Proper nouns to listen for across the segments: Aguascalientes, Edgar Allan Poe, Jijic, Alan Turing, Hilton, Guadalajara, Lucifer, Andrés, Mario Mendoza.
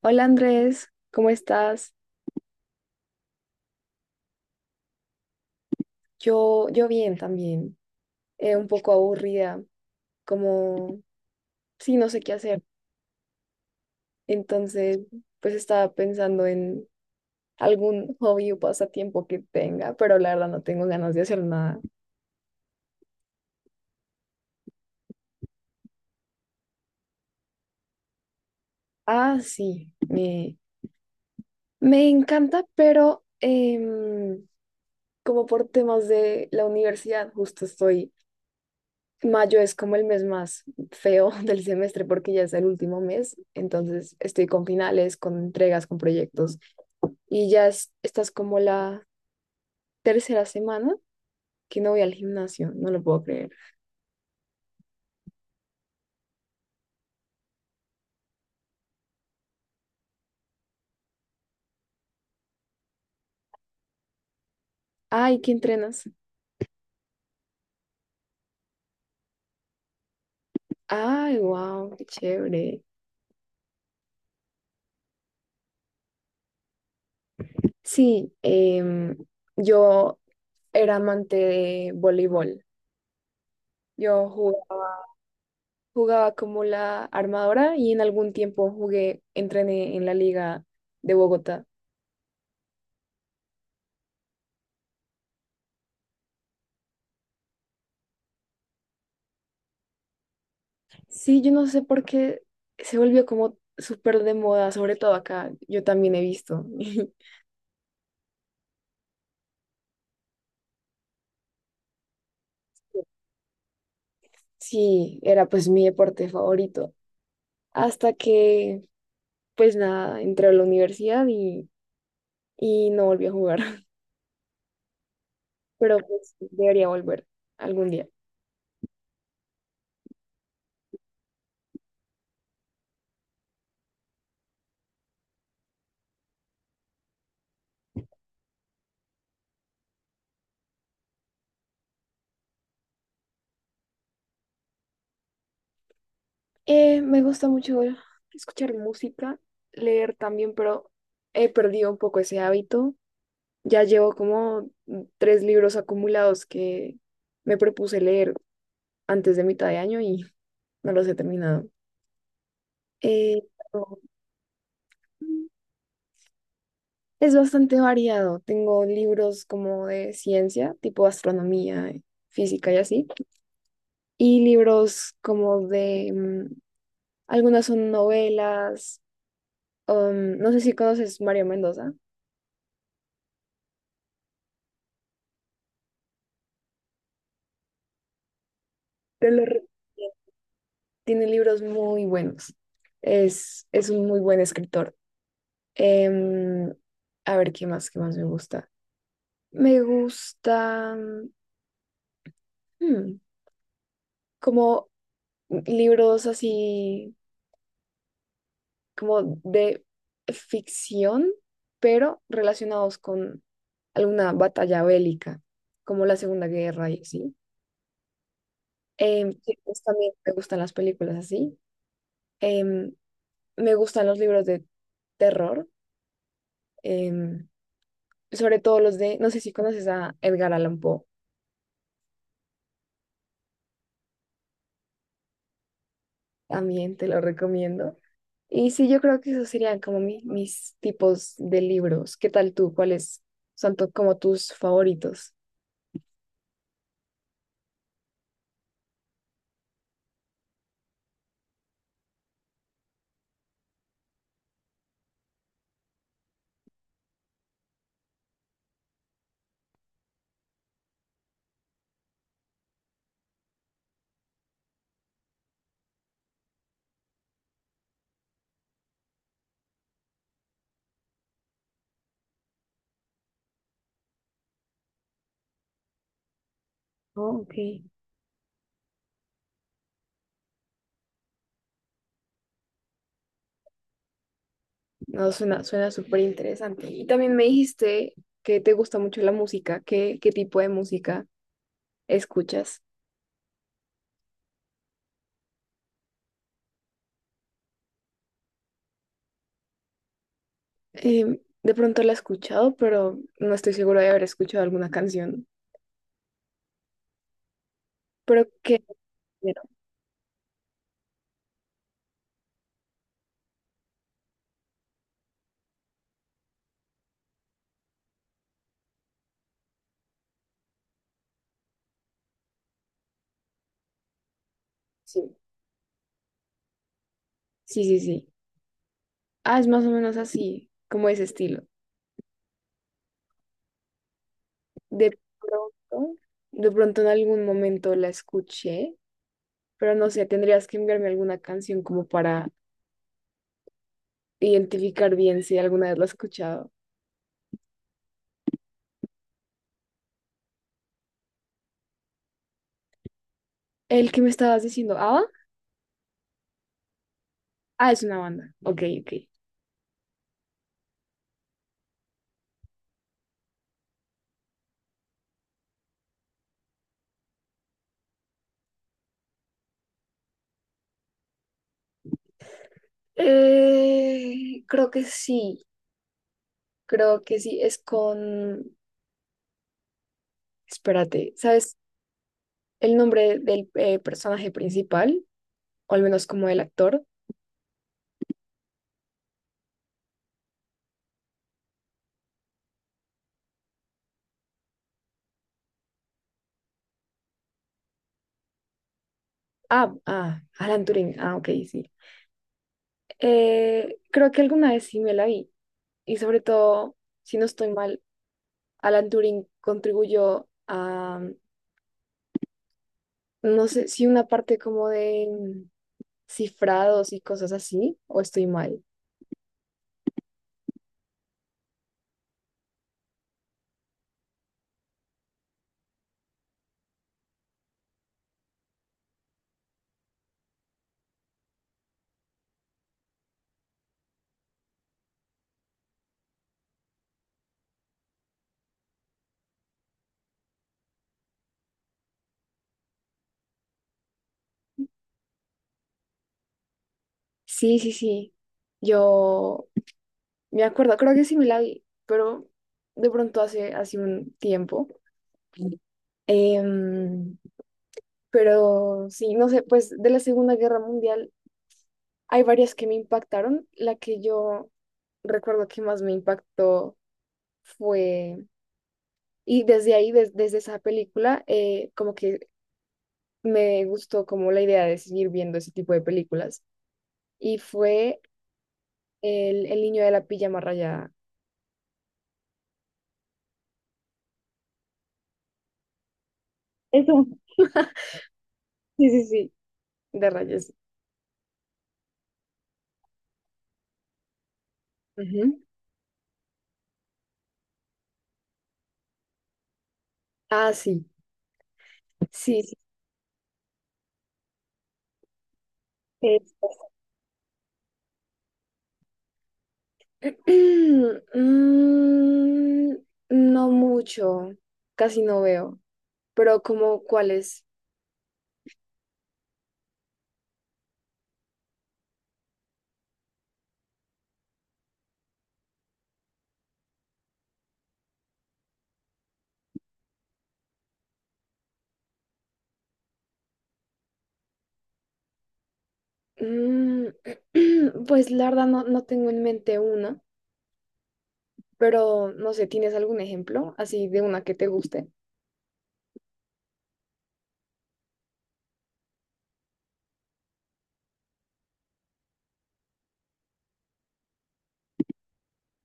Hola Andrés, ¿cómo estás? Yo bien también, un poco aburrida, como, sí, no sé qué hacer. Entonces, pues estaba pensando en algún hobby o pasatiempo que tenga, pero la verdad no tengo ganas de hacer nada. Ah, sí, me encanta, pero como por temas de la universidad, justo estoy. Mayo es como el mes más feo del semestre porque ya es el último mes, entonces estoy con finales, con entregas, con proyectos, y ya es, esta es como la tercera semana que no voy al gimnasio, no lo puedo creer. Ay, ¿qué entrenas? Ay, wow, qué chévere. Sí, yo era amante de voleibol. Yo jugaba, jugaba como la armadora y en algún tiempo jugué, entrené en la liga de Bogotá. Sí, yo no sé por qué se volvió como súper de moda, sobre todo acá. Yo también he visto. Sí, era pues mi deporte favorito. Hasta que, pues nada, entré a la universidad y no volví a jugar. Pero pues debería volver algún día. Me gusta mucho escuchar música, leer también, pero he perdido un poco ese hábito. Ya llevo como tres libros acumulados que me propuse leer antes de mitad de año y no los he terminado. Eh, pero es bastante variado. Tengo libros como de ciencia, tipo astronomía, física y así, y libros como de... algunas son novelas. No sé si conoces Mario Mendoza, pero tiene libros muy buenos. Es un muy buen escritor. Em, a ver, ¿qué más? ¿Qué más me gusta? Me gusta, mm, como libros así como de ficción, pero relacionados con alguna batalla bélica, como la Segunda Guerra y así. Em, sí, pues también me gustan las películas así. Em, me gustan los libros de terror, em, sobre todo los de, no sé si conoces a Edgar Allan Poe, también te lo recomiendo. Y sí, yo creo que esos serían como mis tipos de libros. ¿Qué tal tú? ¿Cuáles son como tus favoritos? Oh, ok. No, suena, suena súper interesante. Y también me dijiste que te gusta mucho la música. ¿Qué, qué tipo de música escuchas? Em, de pronto la he escuchado, pero no estoy segura de haber escuchado alguna canción. ¿Pero qué género? Sí. Sí, sí, sí. Ah, es más o menos así, como ese estilo. De pronto, de pronto en algún momento la escuché, pero no sé, tendrías que enviarme alguna canción como para identificar bien si alguna vez la he escuchado. El que me estabas diciendo, ¿Ava? Ah, es una banda. Ok, ok. Eh, creo que sí, creo que sí, es con, espérate, ¿sabes el nombre del personaje principal? O al menos como el actor. Ah, ah, Alan Turing, ah, ok, sí. Creo que alguna vez sí me la vi. Y sobre todo, si no estoy mal, Alan Turing contribuyó a. No sé si una parte como de, cifrados y cosas así, o estoy mal. Sí, sí, sí. Yo me acuerdo, creo que sí me la vi, pero de pronto hace un tiempo. Em, pero sí, no sé, pues de la Segunda Guerra Mundial hay varias que me impactaron. La que yo recuerdo que más me impactó fue, y desde ahí, desde esa película, como que me gustó como la idea de seguir viendo ese tipo de películas. Y fue el niño de la pijama rayada. Eso, sí, sí, sí. De rayas. Ujú. Ah, sí, sí, sí. Eh, mm, no mucho, casi no veo. Pero como cuáles. Mm, pues la verdad no tengo en mente una, pero no sé, ¿tienes algún ejemplo así de una que te guste?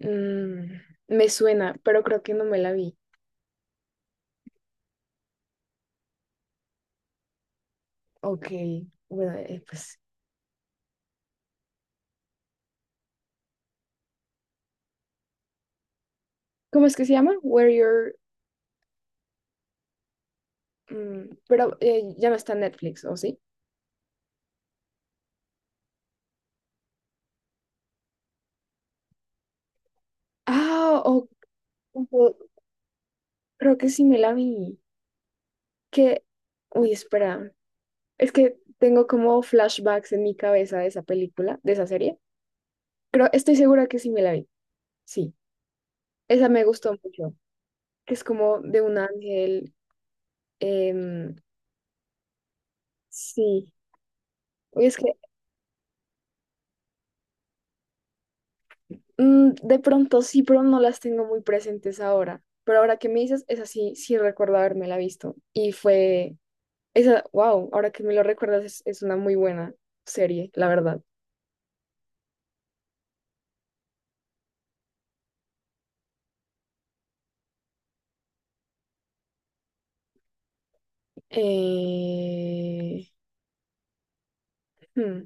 Mm, me suena, pero creo que no me la vi. Ok, bueno, pues, ¿cómo es que se llama? Where Your... Mm, pero ya no está en Netflix, ¿o sí? Ah, o- creo que sí me la vi. Que, uy, espera, es que tengo como flashbacks en mi cabeza de esa película, de esa serie. Creo, estoy segura que sí me la vi. Sí, esa me gustó mucho, que es como de un ángel. Em, sí, uy, es que mm, de pronto sí, pero no las tengo muy presentes ahora. Pero ahora que me dices, esa sí, sí recuerdo la visto. Y fue, esa, wow, ahora que me lo recuerdas, es una muy buena serie, la verdad. Eh, hmm,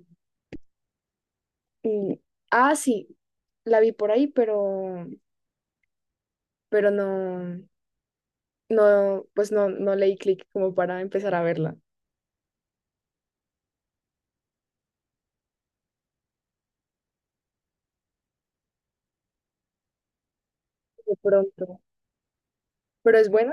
mm, ah, sí, la vi por ahí, pero no, no, pues no, no leí clic como para empezar a verla. De pronto. Pero es buena.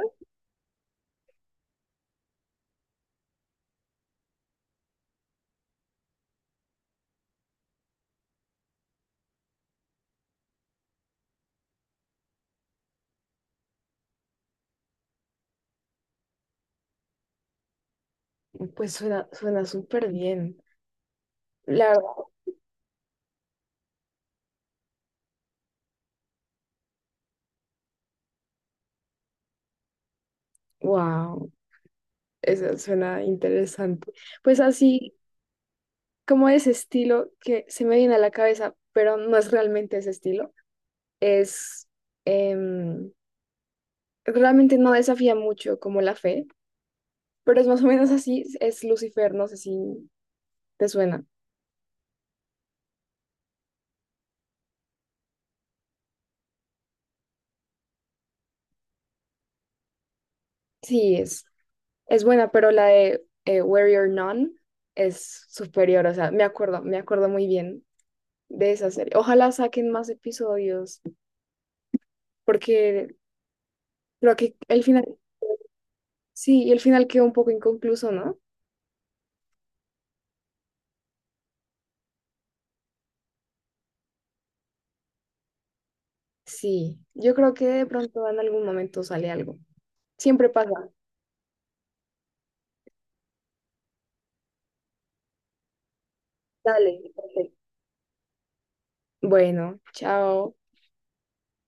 Pues suena, suena súper bien. La verdad, wow, eso suena interesante. Pues así como ese estilo que se me viene a la cabeza, pero no es realmente ese estilo, es em, realmente no desafía mucho como la fe, pero es más o menos así, es Lucifer, no sé si te suena. Sí, es buena, pero la de Where You're None es superior, o sea, me acuerdo muy bien de esa serie. Ojalá saquen más episodios. Porque creo que el final, sí, y el final quedó un poco inconcluso, ¿no? Sí, yo creo que de pronto en algún momento sale algo. Siempre pasa. Dale, perfecto. Bueno, chao.